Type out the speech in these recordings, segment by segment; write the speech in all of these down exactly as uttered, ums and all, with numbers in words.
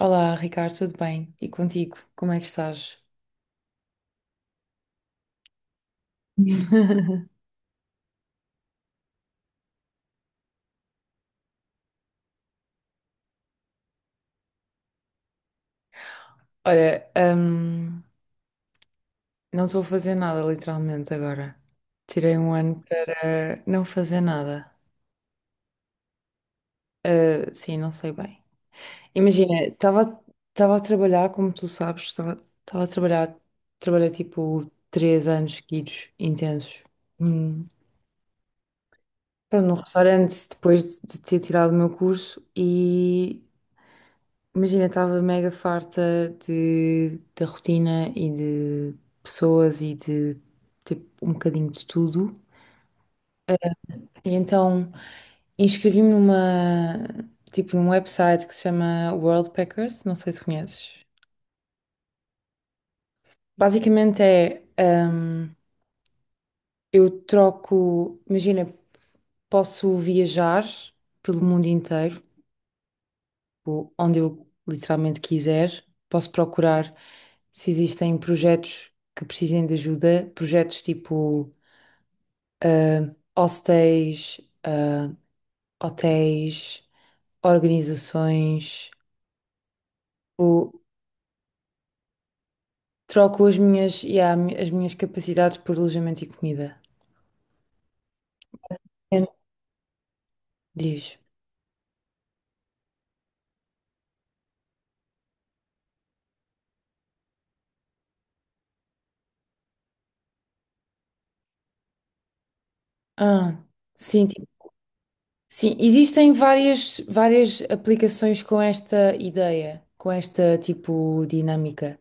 Olá, Ricardo, tudo bem? E contigo, como é que estás? Olha, hum, não estou a fazer nada literalmente agora. Tirei um ano para não fazer nada. Ah, sim, não sei bem. Imagina, estava estava a trabalhar, como tu sabes, estava estava a trabalhar, trabalhei tipo três anos seguidos, intensos. Hum. Pronto, num restaurante, depois de ter tirado o meu curso. E imagina, estava mega farta de, da rotina e de pessoas e de tipo um bocadinho de tudo. E então inscrevi-me numa, tipo, num website que se chama World Packers, não sei se conheces. Basicamente é, hum, eu troco, imagina, posso viajar pelo mundo inteiro, tipo, onde eu literalmente quiser. Posso procurar se existem projetos que precisem de ajuda, projetos tipo ah, hostéis, ah, hotéis, organizações. Tipo, troco as minhas, yeah, as minhas capacidades por alojamento e comida. É. Diz. Ah, sim, ti- sim, existem várias, várias aplicações com esta ideia, com esta tipo dinâmica.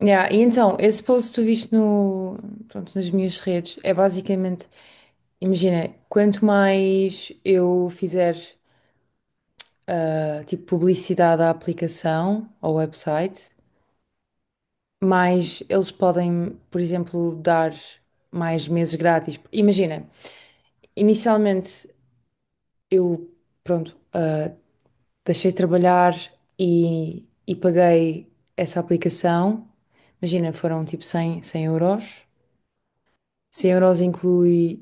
Yeah, e então, esse post que tu viste no, pronto, nas minhas redes, é basicamente, imagina, quanto mais eu fizer, ah, tipo, publicidade à aplicação, ao website, mais eles podem, por exemplo, dar mais meses grátis. Imagina, inicialmente eu, pronto, ah, deixei de trabalhar e, e paguei essa aplicação. Imagina, foram tipo cem cem euros. Cem euros inclui,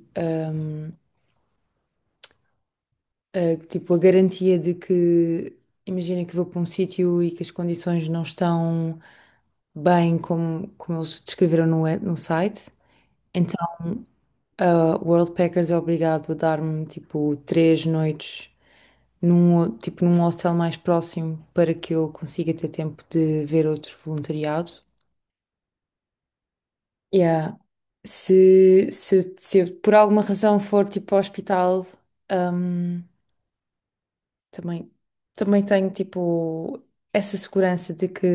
eh, tipo, a garantia de que, imagina que vou para um sítio e que as condições não estão bem como, como eles descreveram no, we- no site. Então, a World Packers é obrigado a dar-me, tipo, três noites num, ho- tipo, num hostel mais próximo, para que eu consiga ter tempo de ver outro voluntariado. Yeah. Se, se, se eu, por alguma razão, for, tipo, ao hospital, hum, também, também tenho, tipo, essa segurança de que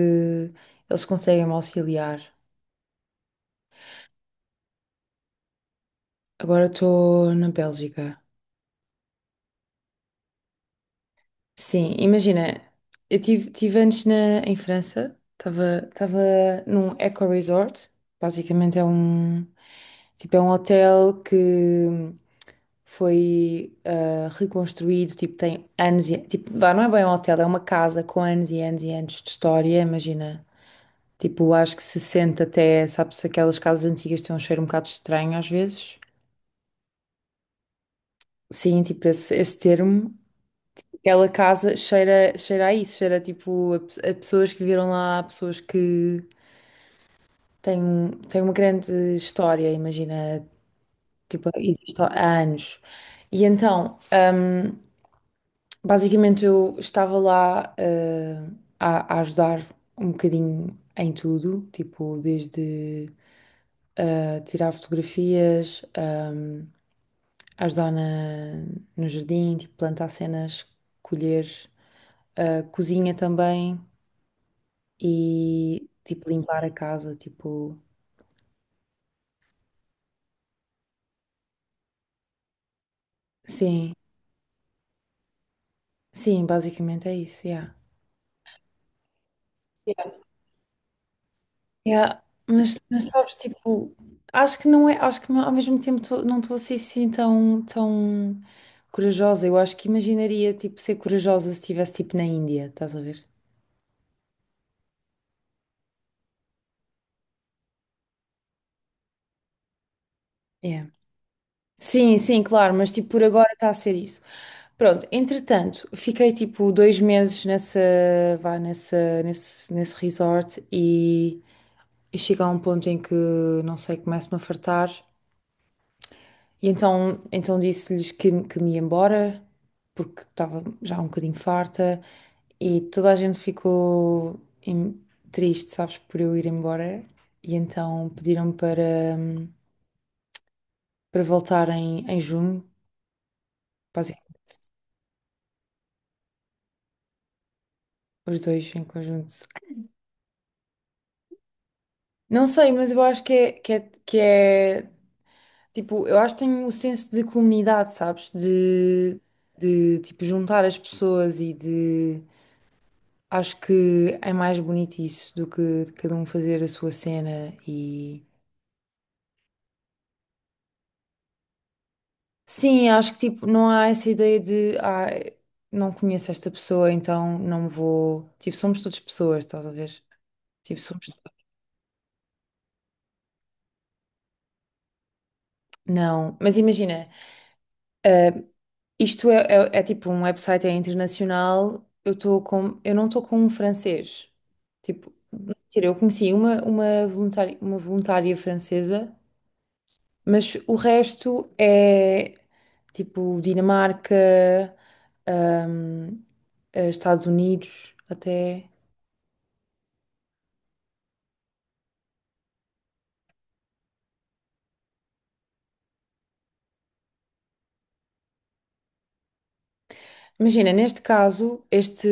eles conseguem me auxiliar. Agora estou na Bélgica. Sim, imagina, eu tive tive antes na, em França, estava estava num eco-resort, basicamente é um, tipo, é um hotel que foi, ah, reconstruído, tipo, tem anos e, tipo, vá, não é bem um hotel, é uma casa com anos e anos e anos de história, imagina. Tipo, acho que se sente até, sabes, aquelas casas antigas têm um cheiro um bocado estranho às vezes. Sim, tipo, esse, esse termo, aquela casa cheira, cheira a isso, cheira tipo a, pe- a pessoas que viveram lá, a pessoas que têm, um- têm uma grande história, imagina, tipo, existe há anos. E então, hum, basicamente eu estava lá, eh, a, a ajudar um bocadinho em tudo, tipo, desde, eh, tirar fotografias, hum, ajudar na- no jardim, tipo plantar cenas, colher, ah, cozinha também e tipo limpar a casa, tipo, sim, sim, basicamente é isso, yeah. Yeah, mas, mas sabes, tipo, acho que não é, acho que ao mesmo tempo, tô- não estou assim, assim tão, tão corajosa. Eu acho que imaginaria, tipo, ser corajosa se estivesse, tipo, na Índia, estás a ver? Yeah. Sim, sim, claro, mas tipo, por agora está a ser isso. Pronto, entretanto, fiquei tipo dois meses nessa, vá, nessa, nesse, nesse resort e eu chego a um ponto em que, não sei, começo-me a fartar. E então, então disse-lhes que, que me ia embora, porque estava já um bocadinho farta e toda a gente ficou em- triste, sabes, por eu ir embora. E então pediram para, para voltar em, em junho, basicamente. Os dois em conjunto. Não sei, mas eu acho que é, que é, que é tipo, eu acho que tenho um senso de comunidade, sabes? De, de tipo, juntar as pessoas e de. Acho que é mais bonito isso do que de cada um fazer a sua cena e. Sim, acho que tipo, não há essa ideia de. Ah, não conheço esta pessoa, então não me vou. Tipo, somos todas pessoas, estás a ver? Tipo, somos. Não, mas imagina. eh, Isto é, é- é tipo um website, é internacional. Eu estou com, eu não estou com um francês. Tipo, mentira, eu conheci uma uma voluntária, uma voluntária francesa, mas o resto é tipo Dinamarca, hum, eh, Estados Unidos, até. Imagina, neste caso, este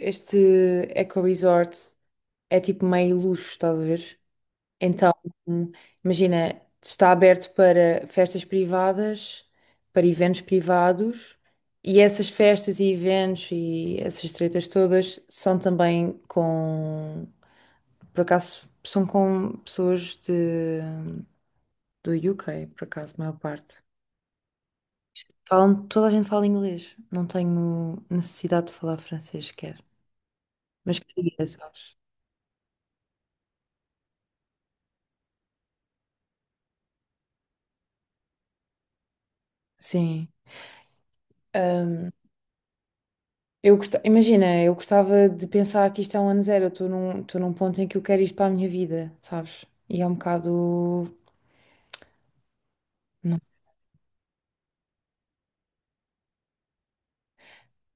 este eco resort é tipo meio luxo, estás a ver? Então, hum, imagina, está aberto para festas privadas, para eventos privados, e essas festas e eventos e essas tretas todas são também com, por acaso, são com pessoas de, do U K, por acaso, a maior parte. Isto- Falam, toda a gente fala inglês, não tenho necessidade de falar francês sequer, mas queria, sabes? Sim. Eu gosta- Imagina, eu gostava de pensar que isto é um ano zero. Eu estou num, estou num ponto em que eu quero isto para a minha vida, sabes? E é um bocado. Não,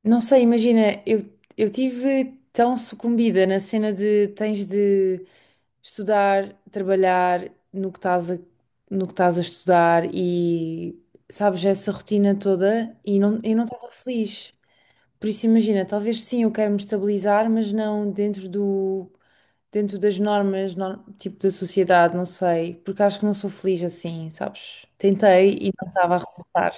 não sei, imagina, eu, eu tive tão sucumbida na cena de tens de estudar, trabalhar no que estás a, no que estás a estudar e sabes, essa rotina toda e não, eu não estava feliz. Por isso, imagina, talvez sim, eu quero me estabilizar, mas não dentro do. Dentro das normas, nor- tipo da sociedade, não sei, porque acho que não sou feliz assim, sabes? Tentei e não estava a resultar.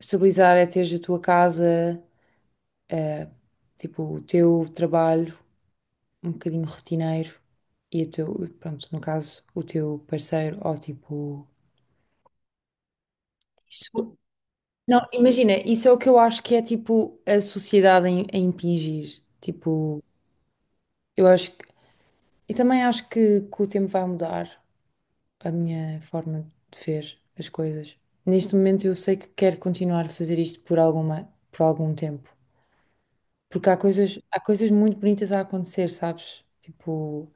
Estabilizar é teres a tua casa, eh, tipo o teu trabalho, um bocadinho rotineiro e o teu, pronto, no caso, o teu parceiro ou tipo. Isso- Não, imagina, isso é o que eu acho que é tipo a sociedade em a impingir. Tipo, eu acho que. Eu também acho que, que o tempo vai mudar a minha forma de ver as coisas. Neste momento eu sei que quero continuar a fazer isto por alguma, por algum tempo. Porque há coisas, há coisas muito bonitas a acontecer, sabes? Tipo,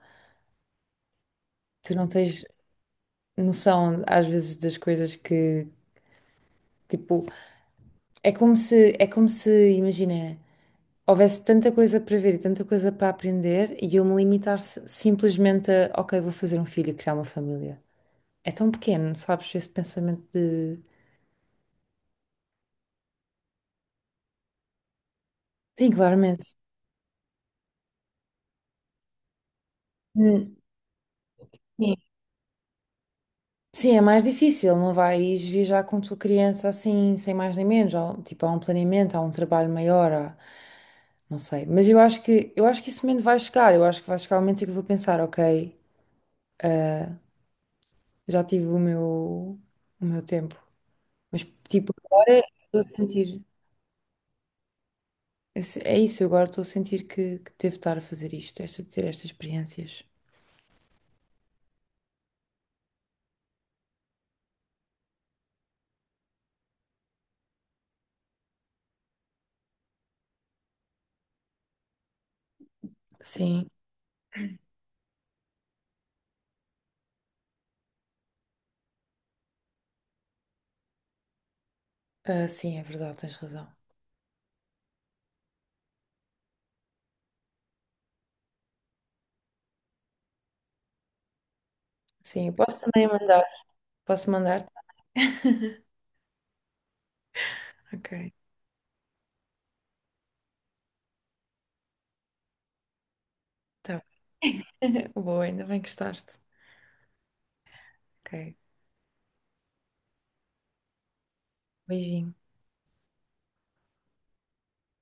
tu não tens noção às vezes das coisas que, tipo, é como se, é como se, imagina, houvesse tanta coisa para ver e tanta coisa para aprender e eu me limitar si- simplesmente a, ok, vou fazer um filho e criar uma família. É tão pequeno, sabes? Esse pensamento de. Sim, claramente. Hum. Sim. Sim, é mais difícil, não vais viajar com tua criança assim, sem mais nem menos. Há, um- tipo, há um planeamento, há um trabalho maior, há não sei. Mas eu acho que, eu acho que esse momento vai chegar. Eu acho que vai chegar o momento em que eu vou pensar, ok, já tive o meu, o meu tempo. Mas, tipo, agora estou a sentir, esse- é isso, eu agora estou a sentir que, que devo estar a fazer isto, esta, ter estas experiências. Sim, ah, sim, é verdade, tens razão. Sim, eu posso também mandar, posso mandar-te. Ok, tá. Boa, ainda bem que gostaste. Ok, beijinho.